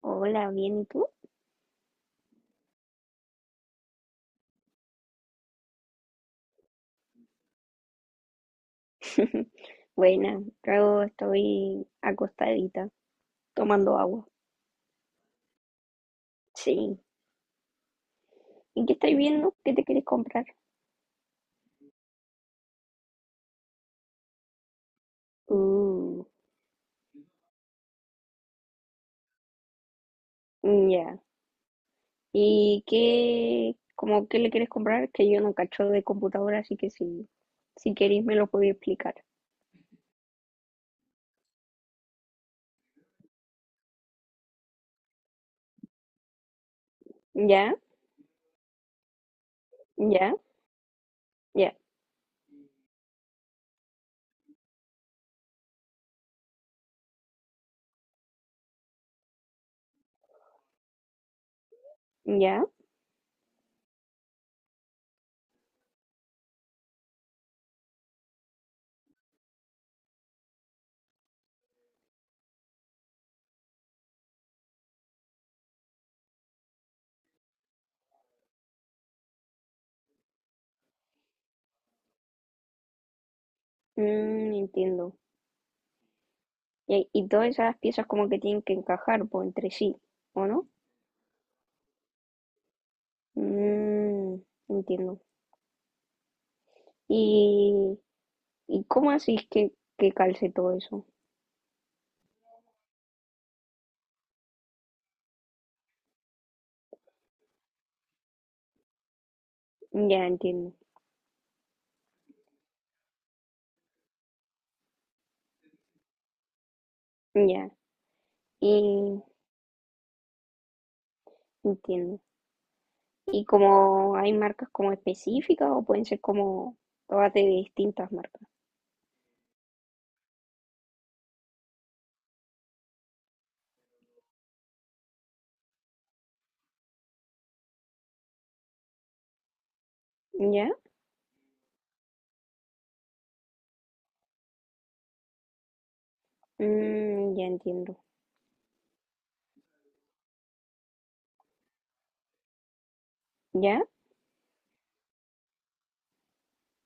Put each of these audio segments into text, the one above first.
Hola, bien, ¿y tú? Buena, yo estoy acostadita, tomando agua. Sí. ¿Y qué estáis viendo? ¿Qué te quieres comprar? Uh, ya. ¿Y qué, como qué le quieres comprar? Que yo no cacho de computadora, así que si queréis me lo podéis explicar. ¿Ya? ¿Ya? ¿Ya? ¿Ya? Mm, entiendo. Y todas esas piezas como que tienen que encajar po, entre sí, ¿o no? Mm, entiendo. ¿Y ¿Y cómo así que calce todo eso? Ya entiendo, ya, y entiendo. ¿Y como hay marcas como específicas o pueden ser como todas de distintas marcas? Ya, mm, ya entiendo, ya,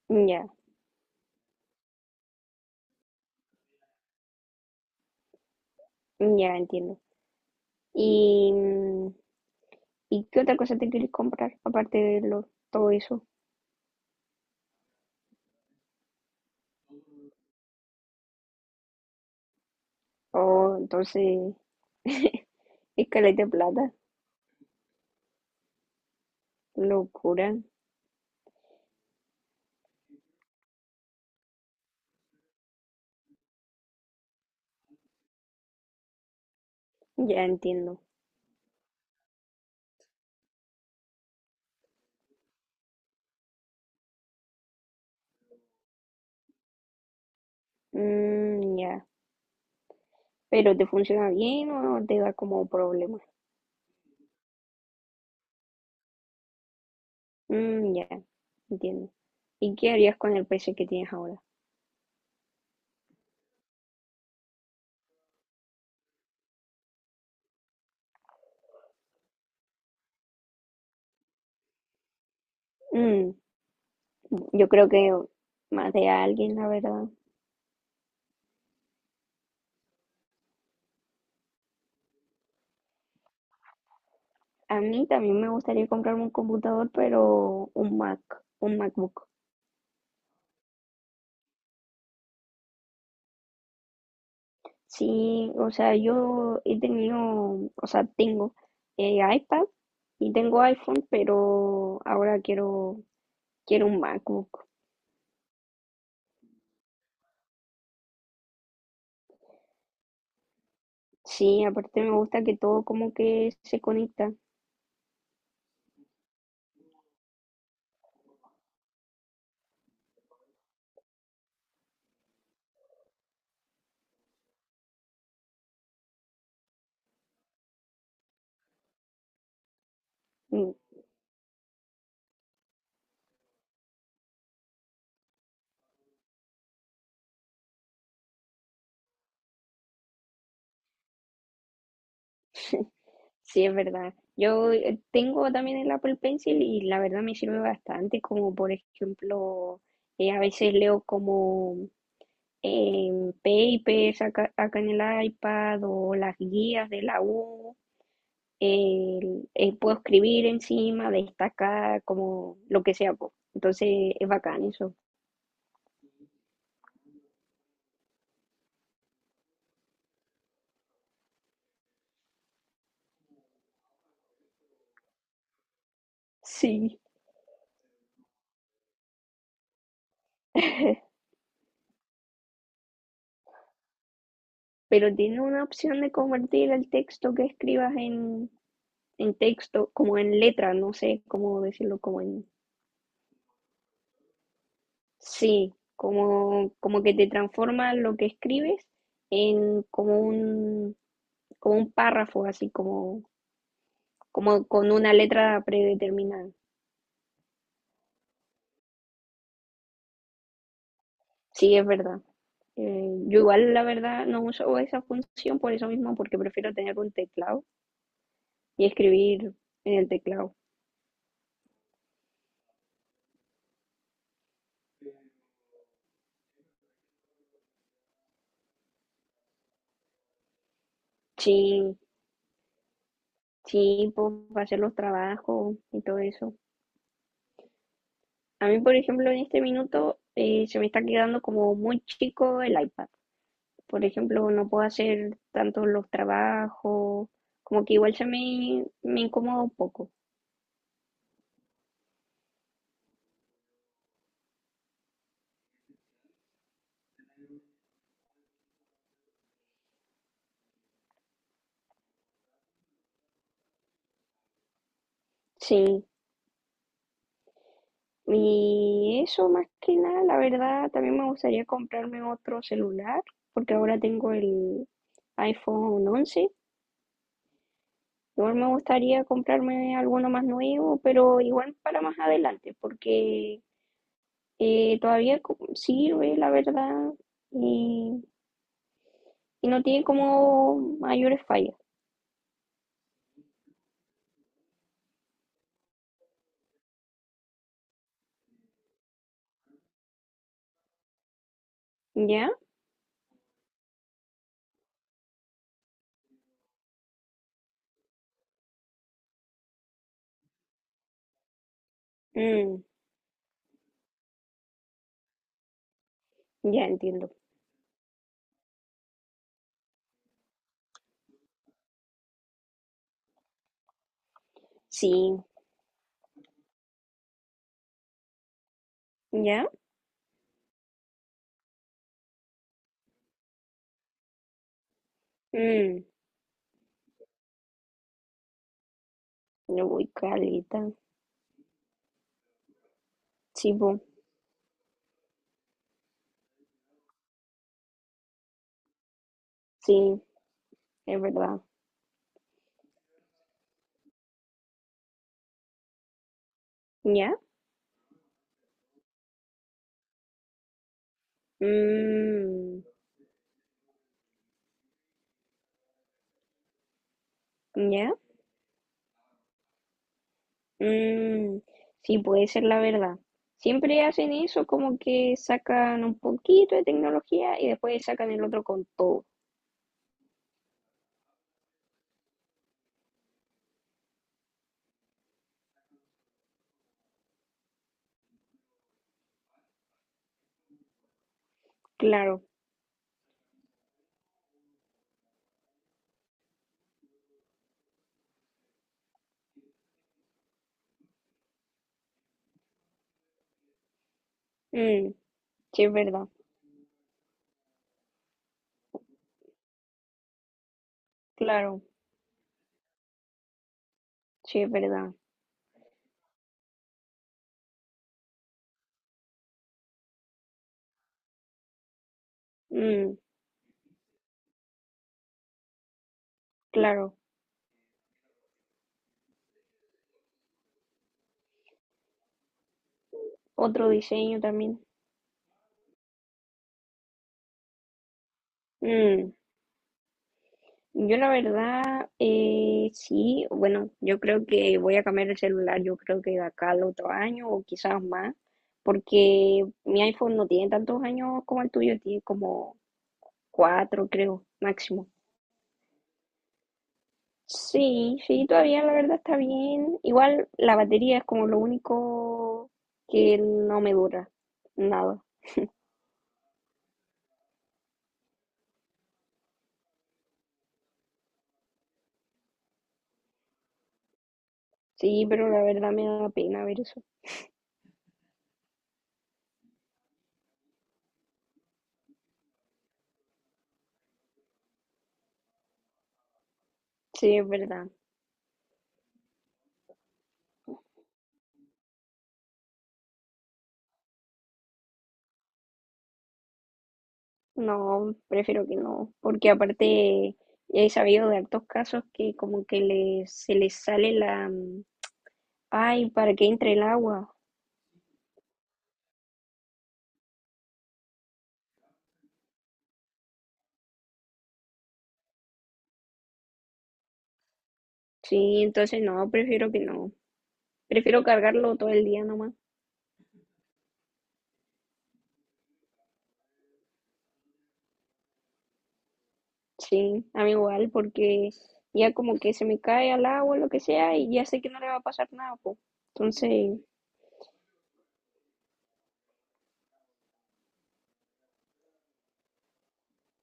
ya, ya entiendo. ¿Y, mm, y qué otra cosa te quieres comprar aparte de lo, todo eso? Oh, entonces, escaleta de plata, locura, ya entiendo. Mm, ya. Pero te funciona bien o no, te da como problemas. Mm, ya, entiendo. ¿Y qué harías con el PC que tienes ahora? Mm, yo creo que más de alguien, la verdad. A mí también me gustaría comprarme un computador, pero un Mac, un MacBook. Sí, o sea, yo he tenido, o sea, tengo iPad y tengo iPhone, pero ahora quiero un MacBook. Sí, aparte me gusta que todo como que se conecta. Mm, sí, es verdad. Yo tengo también el Apple Pencil y la verdad me sirve bastante, como por ejemplo, a veces leo como papers acá en el iPad o las guías de la U. Puedo escribir encima, destacar, como lo que sea, po. Entonces es bacán eso. Sí. Pero tiene una opción de convertir el texto que escribas en texto, como en letra, no sé cómo decirlo, como en sí, como, como que te transforma lo que escribes en como un párrafo, así como, como con una letra predeterminada. Sí, es verdad. Yo igual, la verdad, no uso esa función por eso mismo, porque prefiero tener un teclado y escribir en el teclado. Sí, sí, pues hacer los trabajos y todo eso. A mí, por ejemplo, en este minuto se me está quedando como muy chico el iPad. Por ejemplo, no puedo hacer tanto los trabajos, como que igual se me, me incomoda un poco. Sí, y eso más que nada, la verdad, también me gustaría comprarme otro celular, porque ahora tengo el iPhone once. Igual me gustaría comprarme alguno más nuevo, pero igual para más adelante, porque todavía sirve, la verdad, y, y no tiene como mayores fallas. ¿Ya? Mm, ya entiendo. Sí, ¿ya? Mm, yo voy caleta. Sí, po, sí, es verdad. ¿Ya? Mm, ¿ya? Mm, sí, puede ser la verdad. Siempre hacen eso, como que sacan un poquito de tecnología y después sacan el otro con todo. Claro. Mm, sí, es verdad. Claro. Sí, es verdad. Mm, claro. Otro diseño también. Mm. Yo la verdad, sí, bueno, yo creo que voy a cambiar el celular, yo creo que de acá al otro año o quizás más, porque mi iPhone no tiene tantos años como el tuyo, tiene como cuatro, creo, máximo. Sí, sí, todavía la verdad está bien. Igual la batería es como lo único que no me dura, nada. Sí, pero la verdad me da pena ver eso. Sí, es verdad. No, prefiero que no, porque aparte he sabido de hartos casos que como que les, se les sale la... mm, ay, para que entre el agua. Sí, entonces no, prefiero que no. Prefiero cargarlo todo el día nomás. Sí, a mí igual, porque ya como que se me cae al agua, lo que sea, y ya sé que no le va a pasar nada, po. Entonces,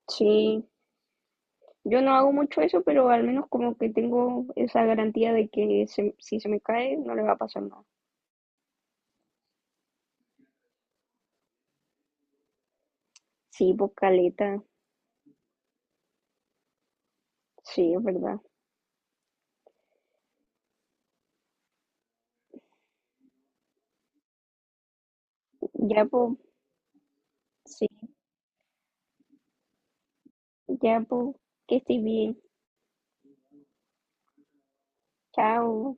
sí, yo no hago mucho eso, pero al menos como que tengo esa garantía de que si se me cae, no le va a pasar nada. Sí, pues caleta. Sí, es verdad. Ya, pues, sí, ya, pues, que estés bien. Chao.